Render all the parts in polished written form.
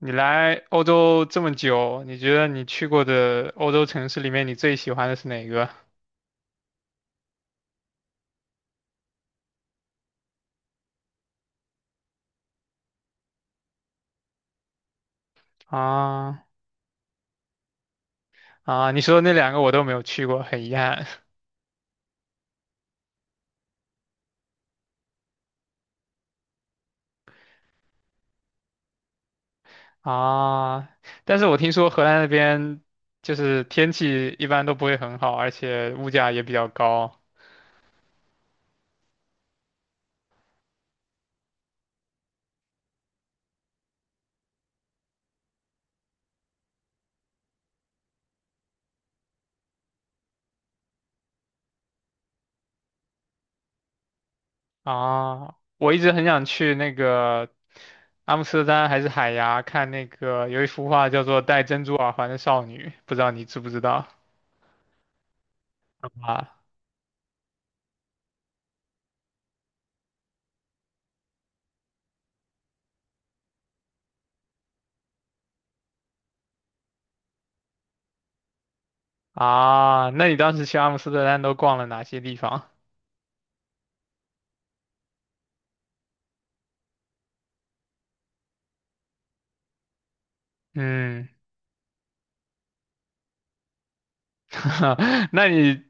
你来欧洲这么久，你觉得你去过的欧洲城市里面，你最喜欢的是哪个？啊啊，你说的那两个我都没有去过，很遗憾 啊。但是我听说荷兰那边就是天气一般都不会很好，而且物价也比较高啊。我一直很想去那个阿姆斯特丹还是海牙看那个有一幅画叫做《戴珍珠耳环的少女》，不知道你知不知道啊？啊，那你当时去阿姆斯特丹都逛了哪些地方？嗯，那你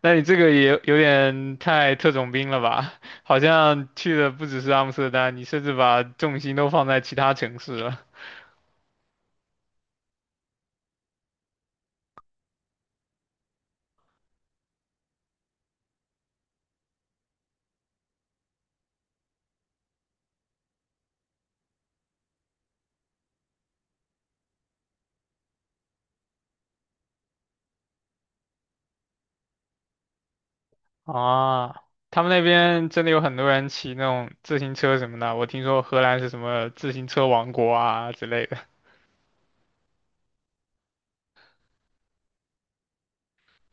那你这个也有点太特种兵了吧？好像去的不只是阿姆斯特丹，你甚至把重心都放在其他城市了。啊，他们那边真的有很多人骑那种自行车什么的，我听说荷兰是什么自行车王国啊之类的。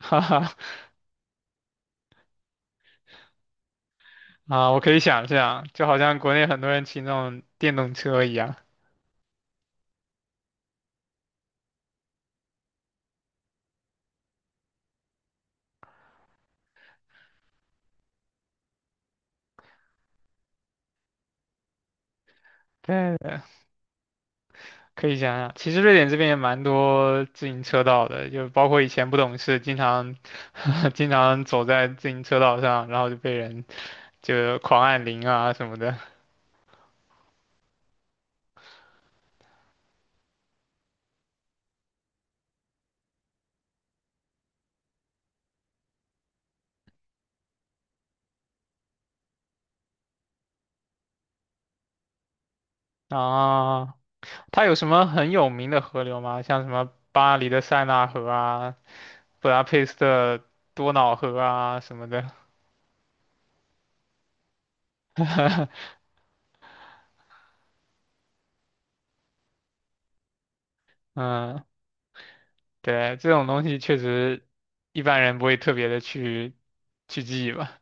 哈哈，啊，我可以想象，就好像国内很多人骑那种电动车一样。对，可以想想，其实瑞典这边也蛮多自行车道的，就包括以前不懂事，经常 经常走在自行车道上，然后就被人就狂按铃啊什么的。啊，它有什么很有名的河流吗？像什么巴黎的塞纳河啊、布达佩斯的多瑙河啊什么的。嗯，对，这种东西确实一般人不会特别的去去记吧，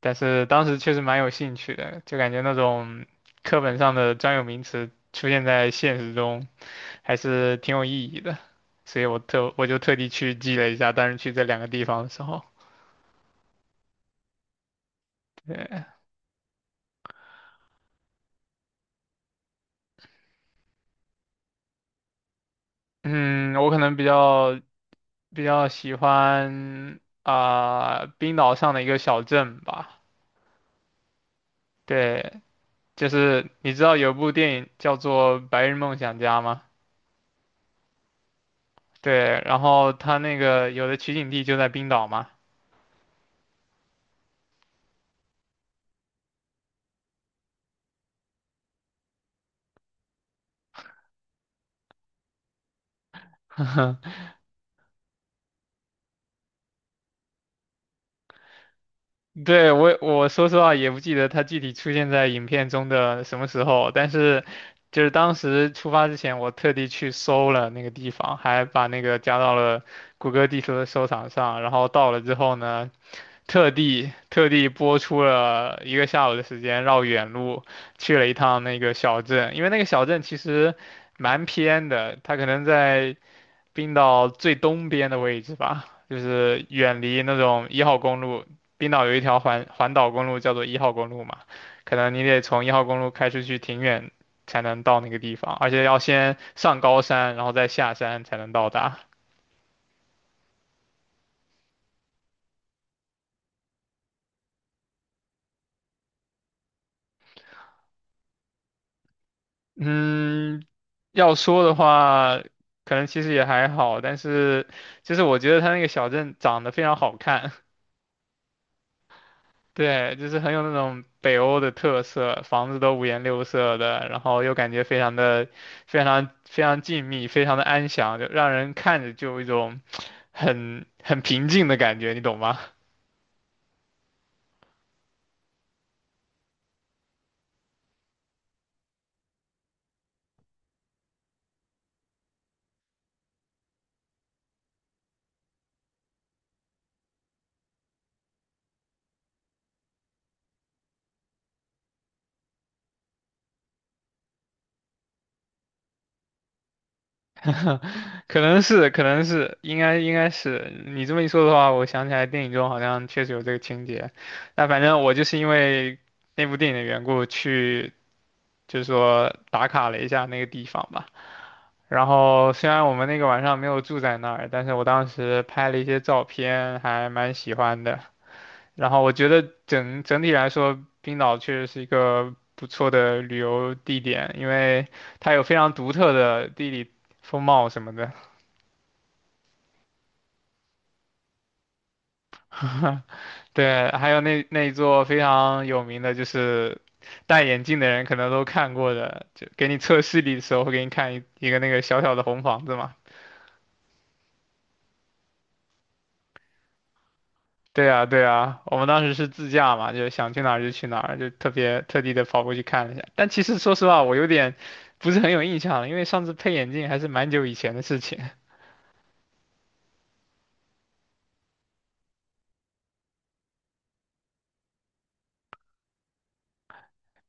但是当时确实蛮有兴趣的，就感觉那种课本上的专有名词出现在现实中还是挺有意义的，所以我就特地去记了一下，当时去这两个地方的时候，对，嗯，我可能比较喜欢啊、冰岛上的一个小镇吧，对。就是你知道有部电影叫做《白日梦想家》吗？对，然后他那个有的取景地就在冰岛嘛。对，我说实话也不记得他具体出现在影片中的什么时候，但是就是当时出发之前，我特地去搜了那个地方，还把那个加到了谷歌地图的收藏上，然后到了之后呢，特地播出了一个下午的时间，绕远路去了一趟那个小镇，因为那个小镇其实蛮偏的，它可能在。冰岛最东边的位置吧，就是远离那种一号公路。冰岛有一条环岛公路叫做一号公路嘛，可能你得从一号公路开出去挺远才能到那个地方，而且要先上高山，然后再下山才能到达。嗯，要说的话，可能其实也还好，但是就是我觉得它那个小镇长得非常好看，对，就是很有那种北欧的特色，房子都五颜六色的，然后又感觉非常的、非常、非常静谧，非常的安详，就让人看着就有一种很平静的感觉，你懂吗？可能是，可能是，应该是。你这么一说的话，我想起来电影中好像确实有这个情节。那反正我就是因为那部电影的缘故去。就是说打卡了一下那个地方吧。然后虽然我们那个晚上没有住在那儿，但是我当时拍了一些照片，还蛮喜欢的。然后我觉得整体来说，冰岛确实是一个不错的旅游地点，因为它有非常独特的地理风貌什么的。对，还有那一座非常有名的，就是戴眼镜的人可能都看过的，就给你测视力的时候会给你看一个那个小小的红房子嘛，对呀，对呀，我们当时是自驾嘛，就想去哪儿就去哪儿，就特别特地的跑过去看了一下。但其实说实话，我有点不是很有印象了，因为上次配眼镜还是蛮久以前的事情。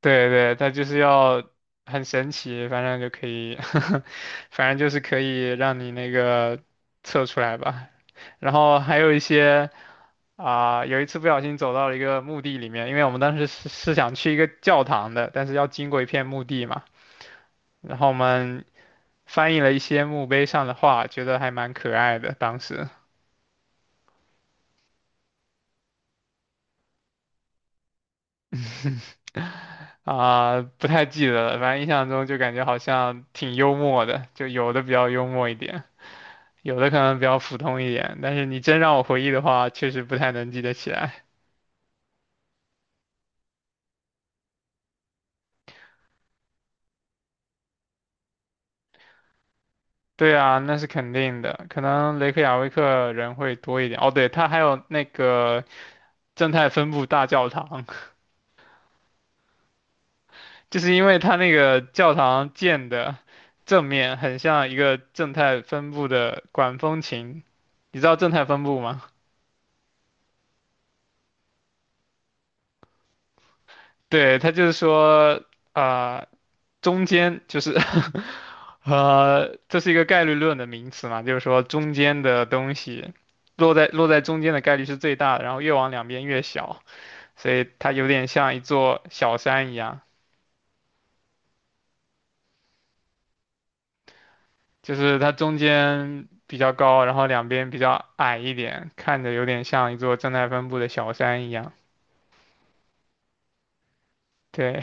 对对，它就是要很神奇，反正就可以，反正就是可以让你那个测出来吧。然后还有一些啊、有一次不小心走到了一个墓地里面，因为我们当时是想去一个教堂的，但是要经过一片墓地嘛。然后我们翻译了一些墓碑上的话，觉得还蛮可爱的。当时啊、不太记得了，反正印象中就感觉好像挺幽默的，就有的比较幽默一点，有的可能比较普通一点。但是你真让我回忆的话，确实不太能记得起来。对啊，那是肯定的，可能雷克雅未克人会多一点。哦，对，他还有那个正态分布大教堂，就是因为它那个教堂建的正面很像一个正态分布的管风琴，你知道正态分布吗？对，它就是说，啊、中间就是 这是一个概率论的名词嘛，就是说中间的东西落在中间的概率是最大的，然后越往两边越小，所以它有点像一座小山一样。就是它中间比较高，然后两边比较矮一点，看着有点像一座正态分布的小山一样。对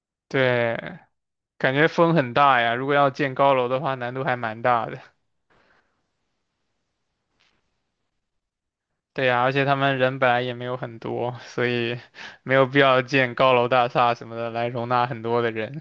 对，感觉风很大呀。如果要建高楼的话，难度还蛮大的。对呀，而且他们人本来也没有很多，所以没有必要建高楼大厦什么的来容纳很多的人。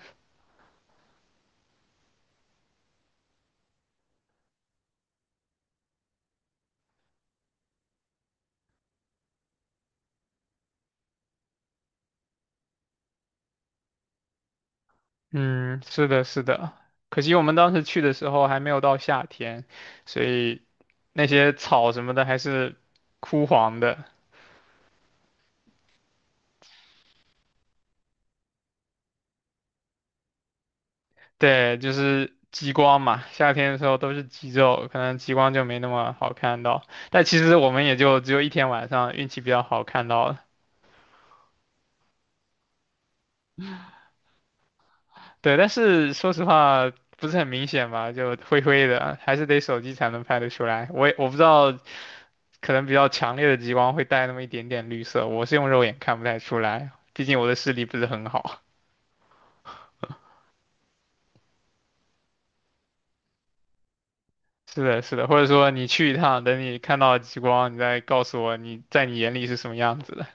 嗯，是的，是的。可惜我们当时去的时候还没有到夏天，所以那些草什么的还是枯黄的。对，就是极光嘛，夏天的时候都是极昼，可能极光就没那么好看到。但其实我们也就只有一天晚上运气比较好看到了。对，但是说实话不是很明显吧，就灰灰的，还是得手机才能拍得出来。我不知道，可能比较强烈的极光会带那么一点点绿色，我是用肉眼看不太出来，毕竟我的视力不是很好。是的，是的，或者说你去一趟，等你看到极光，你再告诉我你在你眼里是什么样子的。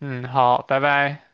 嗯，好，拜拜。